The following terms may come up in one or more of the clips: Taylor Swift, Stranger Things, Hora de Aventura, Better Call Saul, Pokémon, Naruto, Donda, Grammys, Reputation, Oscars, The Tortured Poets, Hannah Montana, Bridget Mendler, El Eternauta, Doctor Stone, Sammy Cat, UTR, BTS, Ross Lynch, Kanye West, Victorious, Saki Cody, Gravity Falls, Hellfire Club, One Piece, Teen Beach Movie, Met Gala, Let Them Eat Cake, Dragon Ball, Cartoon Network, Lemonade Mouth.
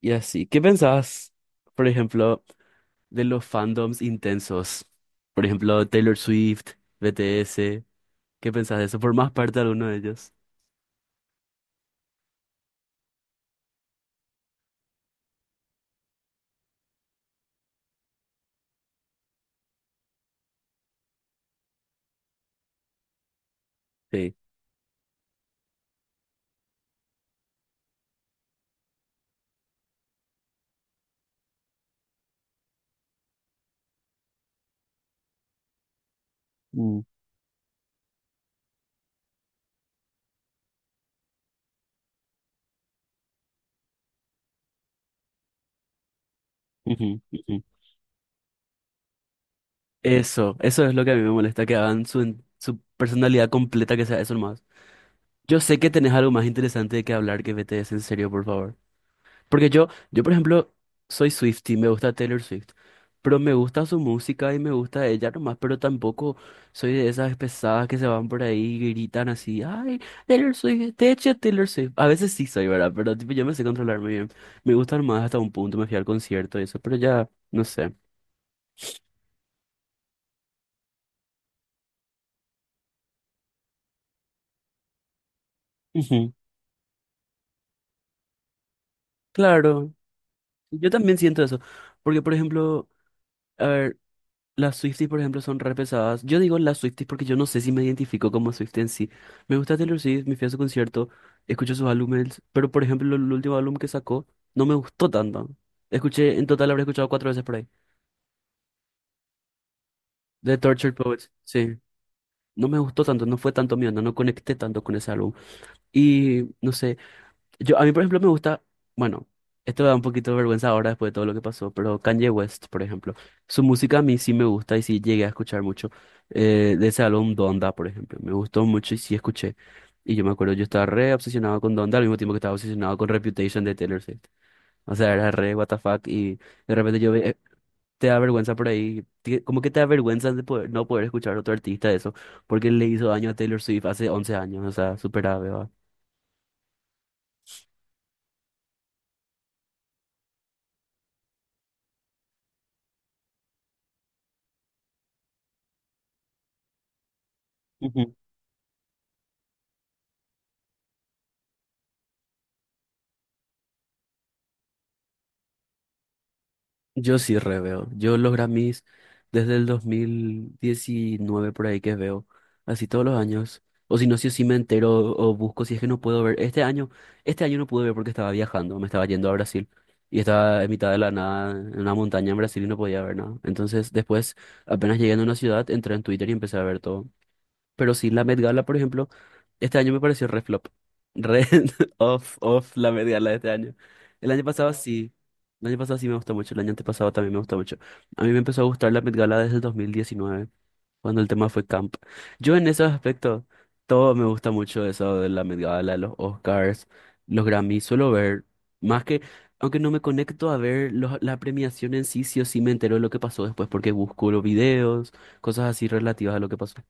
Y así, ¿qué pensás, por ejemplo, de los fandoms intensos? Por ejemplo, Taylor Swift, BTS, ¿qué pensás de eso? ¿Formás parte de alguno de ellos? Sí. Mm, ujú, ujú. Eso es lo que a mí me molesta, que hagan su personalidad completa, que sea eso nomás. Yo sé que tenés algo más interesante de que hablar que BTS, en serio, por favor. Porque yo por ejemplo, soy Swiftie, me gusta Taylor Swift, pero me gusta su música y me gusta ella nomás, pero tampoco soy de esas pesadas que se van por ahí y gritan así, ay, Taylor Swift, te eché Taylor Swift. A veces sí soy, ¿verdad? Pero tipo, yo me sé controlarme bien. Me gustan más hasta un punto, me fui al concierto y eso, pero ya, no sé. Ujú. Claro, yo también siento eso, porque por ejemplo, a ver, las Swifties, por ejemplo, son re pesadas. Yo digo las Swifties porque yo no sé si me identifico como Swiftie en sí. Me gusta Taylor Swift, me fui a su concierto, escucho sus álbumes, pero por ejemplo, el último álbum que sacó no me gustó tanto. Escuché, en total habré escuchado cuatro veces por ahí. The Tortured Poets, sí. No me gustó tanto, no fue tanto mío, no, no conecté tanto con ese álbum. Y no sé. Yo, a mí, por ejemplo, me gusta, bueno, esto da un poquito de vergüenza ahora después de todo lo que pasó, pero Kanye West, por ejemplo, su música a mí sí me gusta y sí llegué a escuchar mucho. De ese álbum Donda, por ejemplo, me gustó mucho y sí escuché. Y yo me acuerdo, yo estaba re obsesionado con Donda al mismo tiempo que estaba obsesionado con Reputation de Taylor Swift. O sea, era re what the fuck y de repente te da vergüenza por ahí, como que te da vergüenza de poder, no poder escuchar a otro artista de eso, porque le hizo daño a Taylor Swift hace 11 años, o sea, súper grave, ¿va? Yo sí reveo. Yo los Grammys desde el 2019 por ahí que veo, así todos los años. O si no, si sí me entero o busco, si es que no puedo ver. Este año no pude ver porque estaba viajando, me estaba yendo a Brasil y estaba en mitad de la nada, en una montaña en Brasil y no podía ver nada. Entonces, después, apenas llegué a una ciudad, entré en Twitter y empecé a ver todo. Pero sí, la Met Gala, por ejemplo, este año me pareció re flop. Re off, off la Met Gala de este año. El año pasado sí. El año pasado sí me gustó mucho. El año antepasado también me gustó mucho. A mí me empezó a gustar la Met Gala desde el 2019 cuando el tema fue camp. Yo en esos aspectos, todo me gusta mucho eso de la Met Gala, los Oscars, los Grammys. Suelo ver, más que, aunque no me conecto a ver la premiación en sí, sí o sí me entero de lo que pasó después porque busco los videos, cosas así relativas a lo que pasó.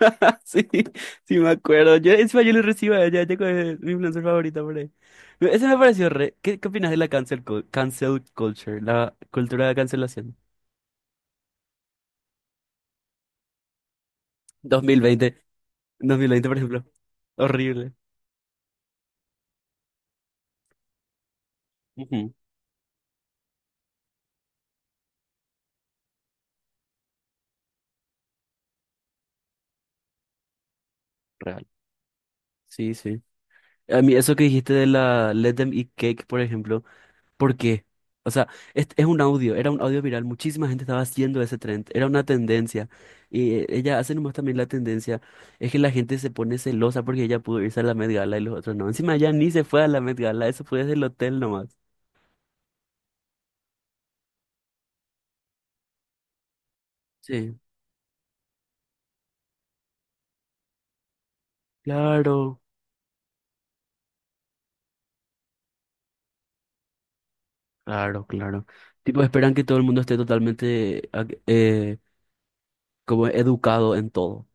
Sí, sí me acuerdo. Yo, encima yo lo recibo a ella, ella es mi influencer favorita por ahí. Ese me pareció re. ¿Qué, qué opinas de la cancel culture? La cultura de cancelación. 2020, 2020, por ejemplo. Horrible. Ujú. Real. Sí, sí. A mí eso que dijiste de la Let Them Eat Cake, por ejemplo, ¿por qué? O sea, es un audio, era un audio viral, muchísima gente estaba haciendo ese trend, era una tendencia. Y ella hace nomás también la tendencia, es que la gente se pone celosa porque ella pudo irse a la Met Gala y los otros no. Encima ella ni se fue a la Met Gala, eso fue desde el hotel nomás. Sí, claro, claro, claro. Tipo, esperan que todo el mundo esté totalmente como educado en todo.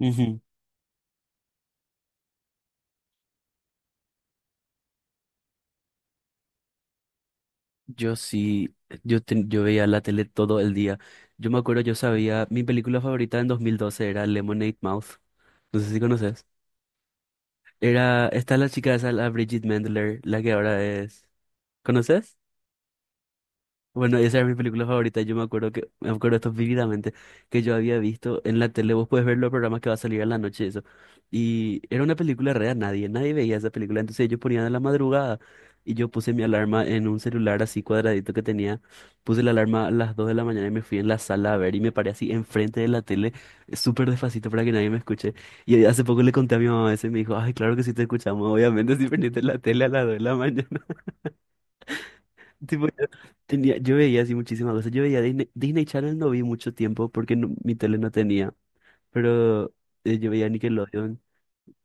Ujú. Yo sí, yo veía la tele todo el día. Yo me acuerdo, yo sabía, mi película favorita en 2012 era Lemonade Mouth. No sé si conoces. Era, está la chica esa, la Bridget Mendler, la que ahora es. ¿Conoces? Bueno, esa es mi película favorita. Yo me acuerdo que, me acuerdo esto vívidamente, que yo había visto en la tele, vos puedes ver los programas que va a salir a la noche, eso. Y era una película real, nadie, nadie veía esa película. Entonces yo ponía de la madrugada y yo puse mi alarma en un celular así cuadradito que tenía. Puse la alarma a las 2 de la mañana y me fui en la sala a ver y me paré así enfrente de la tele, súper despacito para que nadie me escuche. Y hace poco le conté a mi mamá eso y me dijo, ay, claro que sí te escuchamos, obviamente si prendiste la tele a las 2 de la mañana. Tenía, yo veía así muchísimas cosas. Yo veía Disney, Disney Channel no vi mucho tiempo porque mi tele no tenía. Pero yo veía Nickelodeon,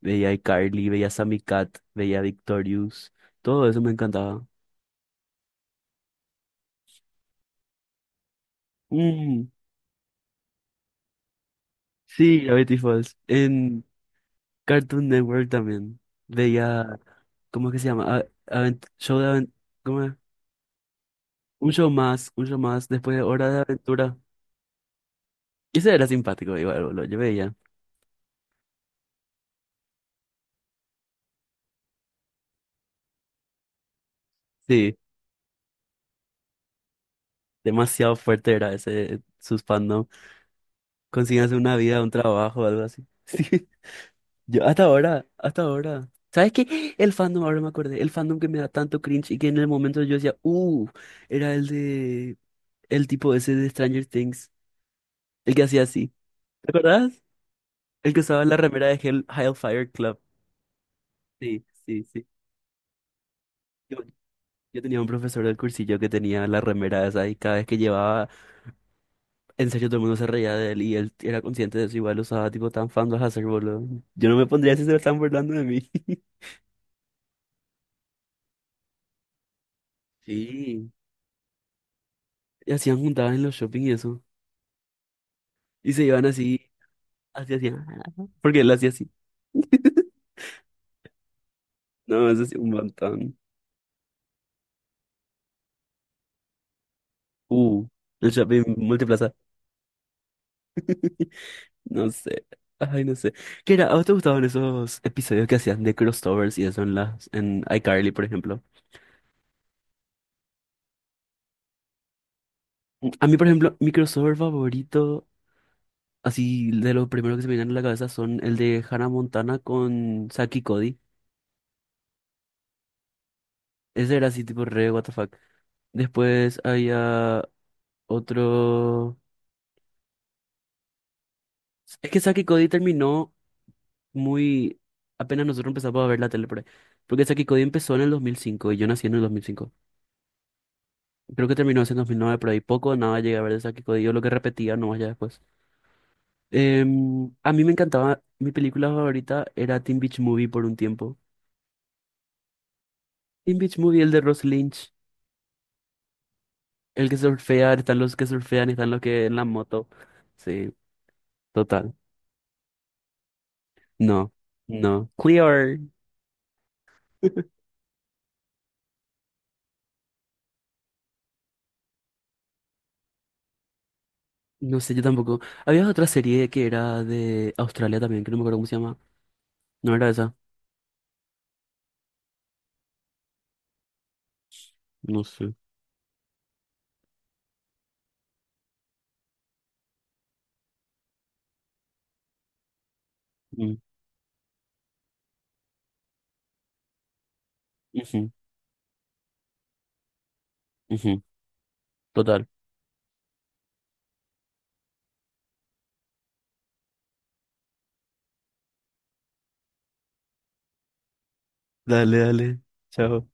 veía iCarly, veía Sammy Cat, veía Victorious. Todo eso me encantaba. Mm, sí, Gravity Falls. En Cartoon Network también. Veía, ¿cómo es que se llama? Show de ¿cómo es? Un show más después de Hora de Aventura. Ese era simpático, igual, boludo. Yo veía. Sí, demasiado fuerte era ese, sus fandom. Consíganse una vida, un trabajo, algo así. Sí, yo hasta ahora, hasta ahora. ¿Sabes qué? El fandom, ahora me acordé, el fandom que me da tanto cringe y que en el momento yo decía, era el de, el tipo ese de Stranger Things, el que hacía así. ¿Te acordás? El que usaba la remera de Hellfire Club. Sí, sí, sí. Yo, yo tenía un profesor del cursillo que tenía la remera esa y cada vez que llevaba, en serio todo el mundo se reía de él y él era consciente de eso, igual usaba tipo tan fandom a hacer, boludo. Yo no me pondría si se lo están burlando de mí. Sí. Y hacían juntadas en los shopping y eso. Y se iban así, así así. Porque él hacía así. No, eso sí, un montón. Uh, el shopping multiplaza. No sé. Ay, no sé. ¿Qué era? ¿A vos te gustaban esos episodios que hacían de crossovers y eso en las, en iCarly, por ejemplo? A mí, por ejemplo, mi crossover favorito, así de los primeros que se me vienen a la cabeza, son el de Hannah Montana con Saki y Cody. Ese era así, tipo re, what the fuck. Después había otro. Es que Saki Cody terminó muy... Apenas nosotros empezamos a ver la tele por ahí. Porque Saki Cody empezó en el 2005 y yo nací en el 2005. Creo que terminó en 2009, pero ahí poco o nada llegué a ver de Saki Cody. Yo lo que repetía nomás ya después. A mí me encantaba... Mi película favorita era Teen Beach Movie por un tiempo. Teen Beach Movie, el de Ross Lynch. El que surfea, están los que surfean, están los que en la moto. Sí, total. No, no. Clear. No sé, yo tampoco. Había otra serie que era de Australia también, que no me acuerdo cómo se llama. No era esa. No sé. Mm, ujú, ujú. Total. Dale, dale. Chao.